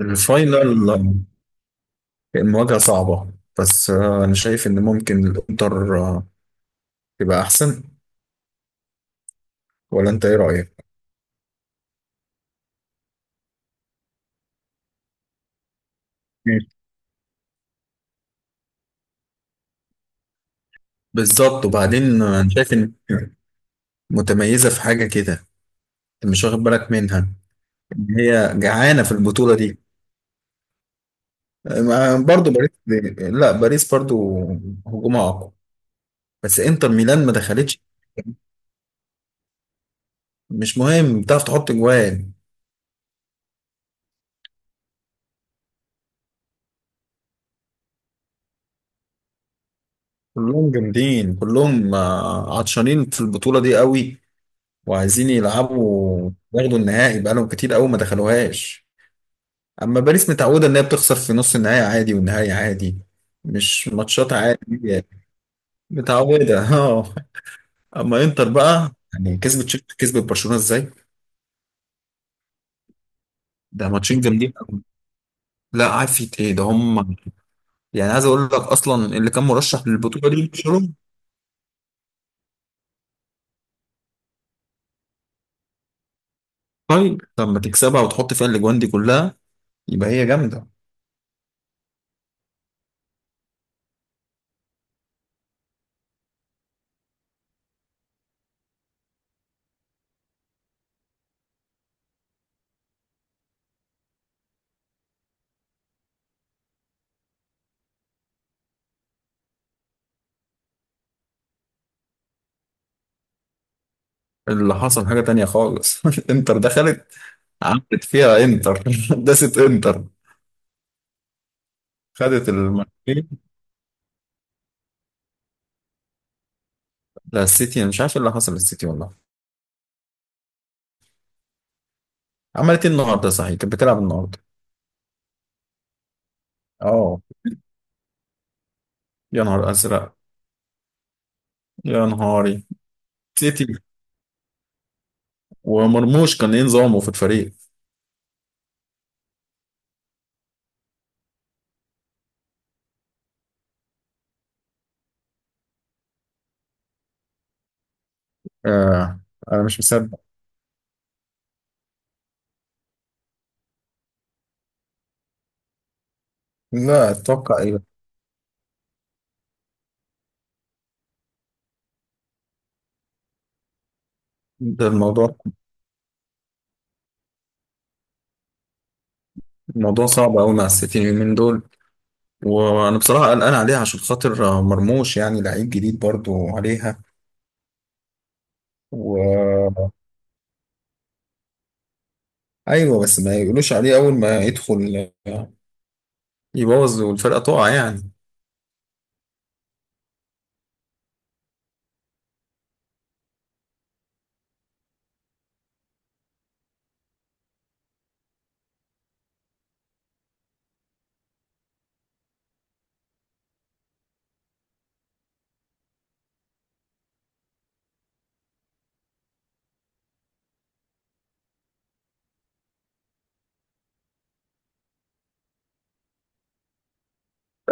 الفاينل، المواجهة صعبة. بس أنا شايف إن ممكن الإنتر تبقى أحسن. ولا أنت إيه رأيك؟ مم. بالظبط. وبعدين أنا شايف إن متميزة في حاجة كده. أنت مش واخد بالك منها إن هي جعانة في البطولة دي. برضو باريس، لا باريس برضو هجومها أقوى، بس إنتر ميلان ما دخلتش. مش مهم، بتعرف تحط جوان. كلهم جامدين، كلهم عطشانين في البطولة دي قوي وعايزين يلعبوا ياخدوا النهائي، بقالهم كتير قوي ما دخلوهاش. اما باريس متعوده ان هي بتخسر في نص النهائي عادي والنهائي عادي. مش ماتشات عادي يعني. متعوده اه. اما انتر بقى يعني كسبت تشيلسي، كسبت برشلونه ازاي. ده ماتشين جامدين قوي. لا عارف ايه ده هم. يعني عايز اقول لك اصلا اللي كان مرشح للبطوله دي برشلونه. طيب لما تكسبها وتحط فيها الاجوان دي كلها، يبقى هي جامده. اللي حصل حاجه تانية خالص انتر دخلت، عملت فيها انتر داست انتر، خدت المرتين لا السيتي انا مش عارف ايه اللي حصل للسيتي والله. عملت ايه النهارده؟ صحيح كانت بتلعب النهارده. اه. يا نهار ازرق. يا نهاري. سيتي. ومرموش كان ايه نظامه في الفريق؟ آه. انا مش مصدق. لا اتوقع ايه. ده الموضوع، الموضوع صعب قوي مع السيتي اليومين دول. وانا بصراحه قلقان عليها عشان خاطر مرموش، يعني لعيب جديد برضو عليها. و، ايوه بس ما يقولوش عليه اول ما يدخل يبوظ والفرقه تقع يعني.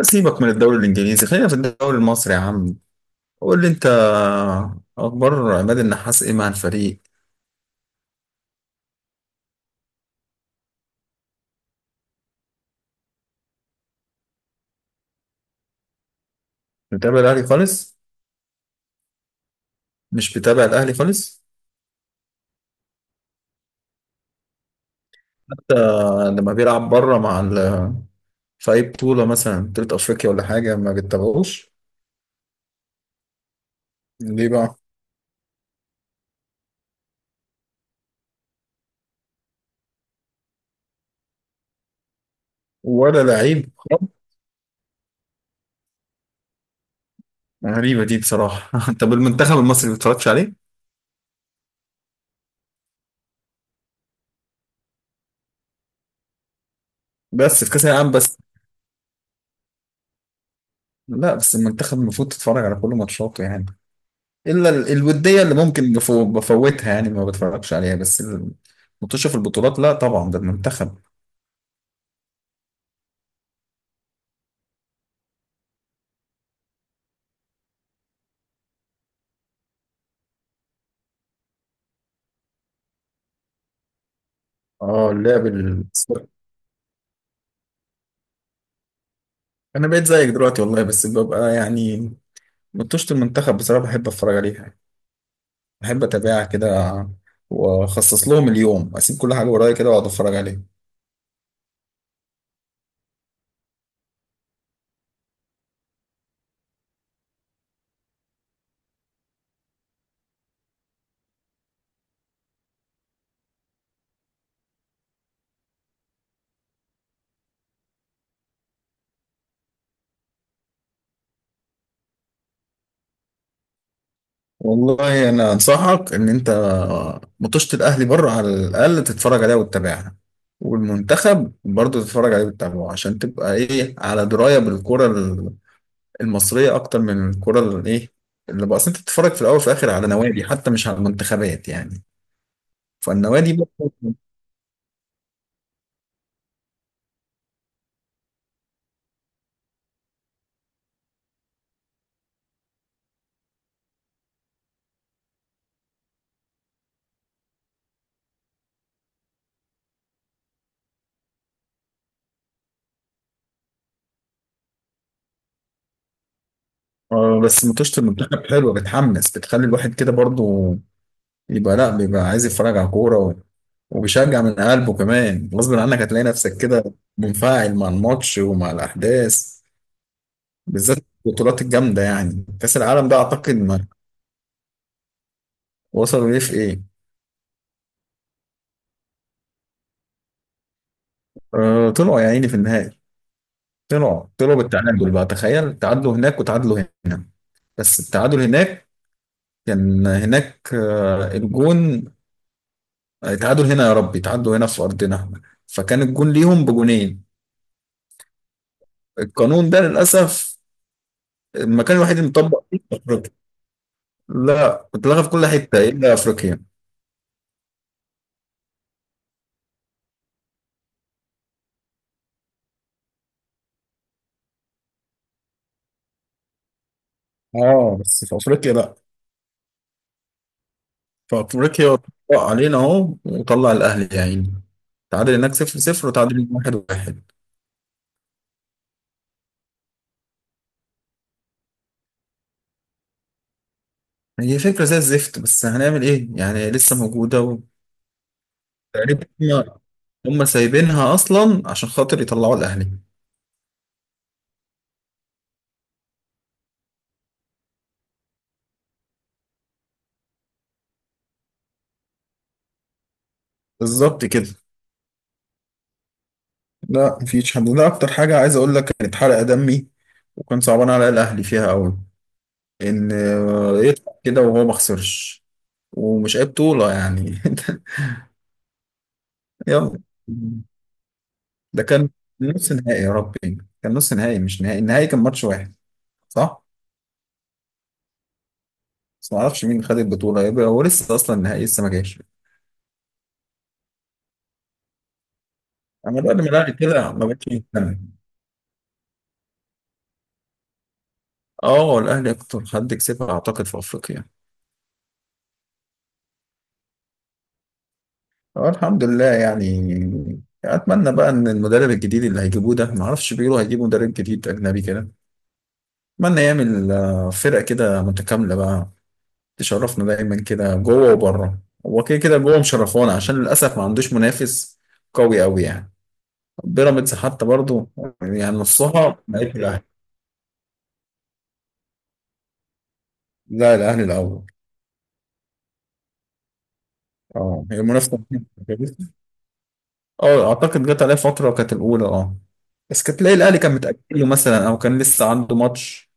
سيبك من الدوري الانجليزي، خلينا في الدوري المصري يا عم. قول لي انت، اخبار عماد النحاس ايه مع الفريق؟ بتتابع الاهلي خالص؟ مش بتابع الاهلي خالص؟ حتى لما بيلعب بره مع ال... في اي بطوله مثلا بطوله افريقيا ولا حاجه ما بتتابعوش؟ ليه بقى؟ ولا لعيب. غريبه دي بصراحه طب المنتخب المصري ما بتتفرجش عليه؟ بس في كاس العالم بس؟ لا بس المنتخب المفروض تتفرج على كل ماتشاته يعني. الا الوديه اللي ممكن بفوتها، يعني ما بتفرجش عليها بس. المطوشه في البطولات لا طبعا ده المنتخب. اه اللعب انا بقيت زيك دلوقتي والله، بس ببقى يعني مطوشه المنتخب بصراحه بحب اتفرج عليها، بحب اتابعها كده، واخصص لهم اليوم، اسيب كل حاجه ورايا كده واقعد اتفرج عليها. والله انا انصحك ان انت مطوشه الاهلي بره على الاقل تتفرج عليها وتتابعها، والمنتخب برضه تتفرج عليه وتتابعه عشان تبقى ايه على درايه بالكره المصريه اكتر من الكره الايه اللي بقى. أصل انت بتتفرج في الاول وفي الاخر على نوادي، حتى مش على منتخبات يعني. فالنوادي برضه بس ماتشات المنتخب حلوه، بتحمس، بتخلي الواحد كده برضه يبقى، لا بيبقى عايز يتفرج على كوره وبيشجع من قلبه كمان، غصب عنك هتلاقي نفسك كده منفعل مع الماتش ومع الاحداث، بالذات البطولات الجامده يعني كاس العالم ده، اعتقد ما وصلوا ليه في ايه. آه طلعوا يا عيني في النهائي. طلعوا طلعوا بالتعادل بقى، تخيل، تعادلوا هناك وتعادلوا هنا. بس التعادل هناك كان هناك الجون، تعادل هنا، يا ربي تعادلوا هنا في أرضنا، فكان الجون ليهم بجونين. القانون ده للأسف المكان الوحيد اللي مطبق فيه في أفريقيا. لا اتلغى في كل حتة إلا أفريقيا. اه بس في أفريقيا لا، في أفريقيا طبق علينا أهو، وطلع الأهلي يا عيني. تعادل هناك صفر صفر وتعادل هنا واحد واحد. هي فكرة زي الزفت، بس هنعمل إيه يعني، لسه موجودة. وتقريبا هم سايبينها أصلا عشان خاطر يطلعوا الأهلي. بالظبط كده. لا مفيش حد. ده اكتر حاجه عايز اقول لك كانت حرقه دمي، وكان صعبان على الاهلي فيها قوي ان يطلع كده وهو ما خسرش. ومش اي بطوله يعني يلا. ده كان نص نهائي يا ربي، كان نص نهائي مش نهائي، النهائي كان ماتش واحد. صح. بس ما اعرفش مين خد البطوله، يبقى هو لسه اصلا النهائي لسه ما جاش. انا بقى لما الاهلي كده ما بقتش مهتم. اه الاهلي اكتر حد كسبها اعتقد في افريقيا. اه الحمد لله يعني. اتمنى بقى ان المدرب الجديد اللي هيجيبوه ده، ما اعرفش بيقولوا هيجيبوا مدرب جديد اجنبي كده، اتمنى يعمل فرقه كده متكامله بقى، تشرفنا دايما كده جوه وبره. هو كده كده جوه مشرفونا، عشان للاسف ما عندوش منافس قوي قوي يعني. بيراميدز حتى برضو يعني نصها بقت الاهلي. لا الاهلي الاول. اه هي المنافسه. اه اعتقد جت عليه فتره كانت الاولى، اه بس كانت تلاقي الاهلي كان متاجل له مثلا او كان لسه عنده ماتش.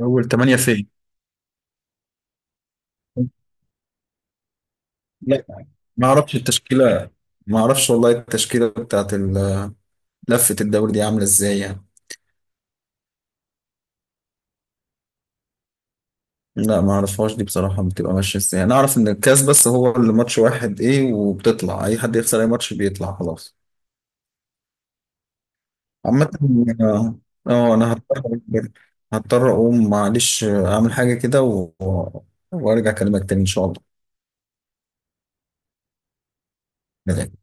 اول 8 فين؟ لا ما اعرفش التشكيله، ما اعرفش والله التشكيله بتاعت لفه الدوري دي عامله ازاي يعني. لا ما اعرفهاش دي بصراحه، بتبقى ماشيه ازاي، انا اعرف ان الكاس بس هو اللي ماتش واحد ايه وبتطلع، اي حد يخسر اي ماتش بيطلع خلاص. عامه. اه. انا هضطر، هضطر اقوم معلش، اعمل حاجه كده و... وارجع اكلمك تاني ان شاء الله.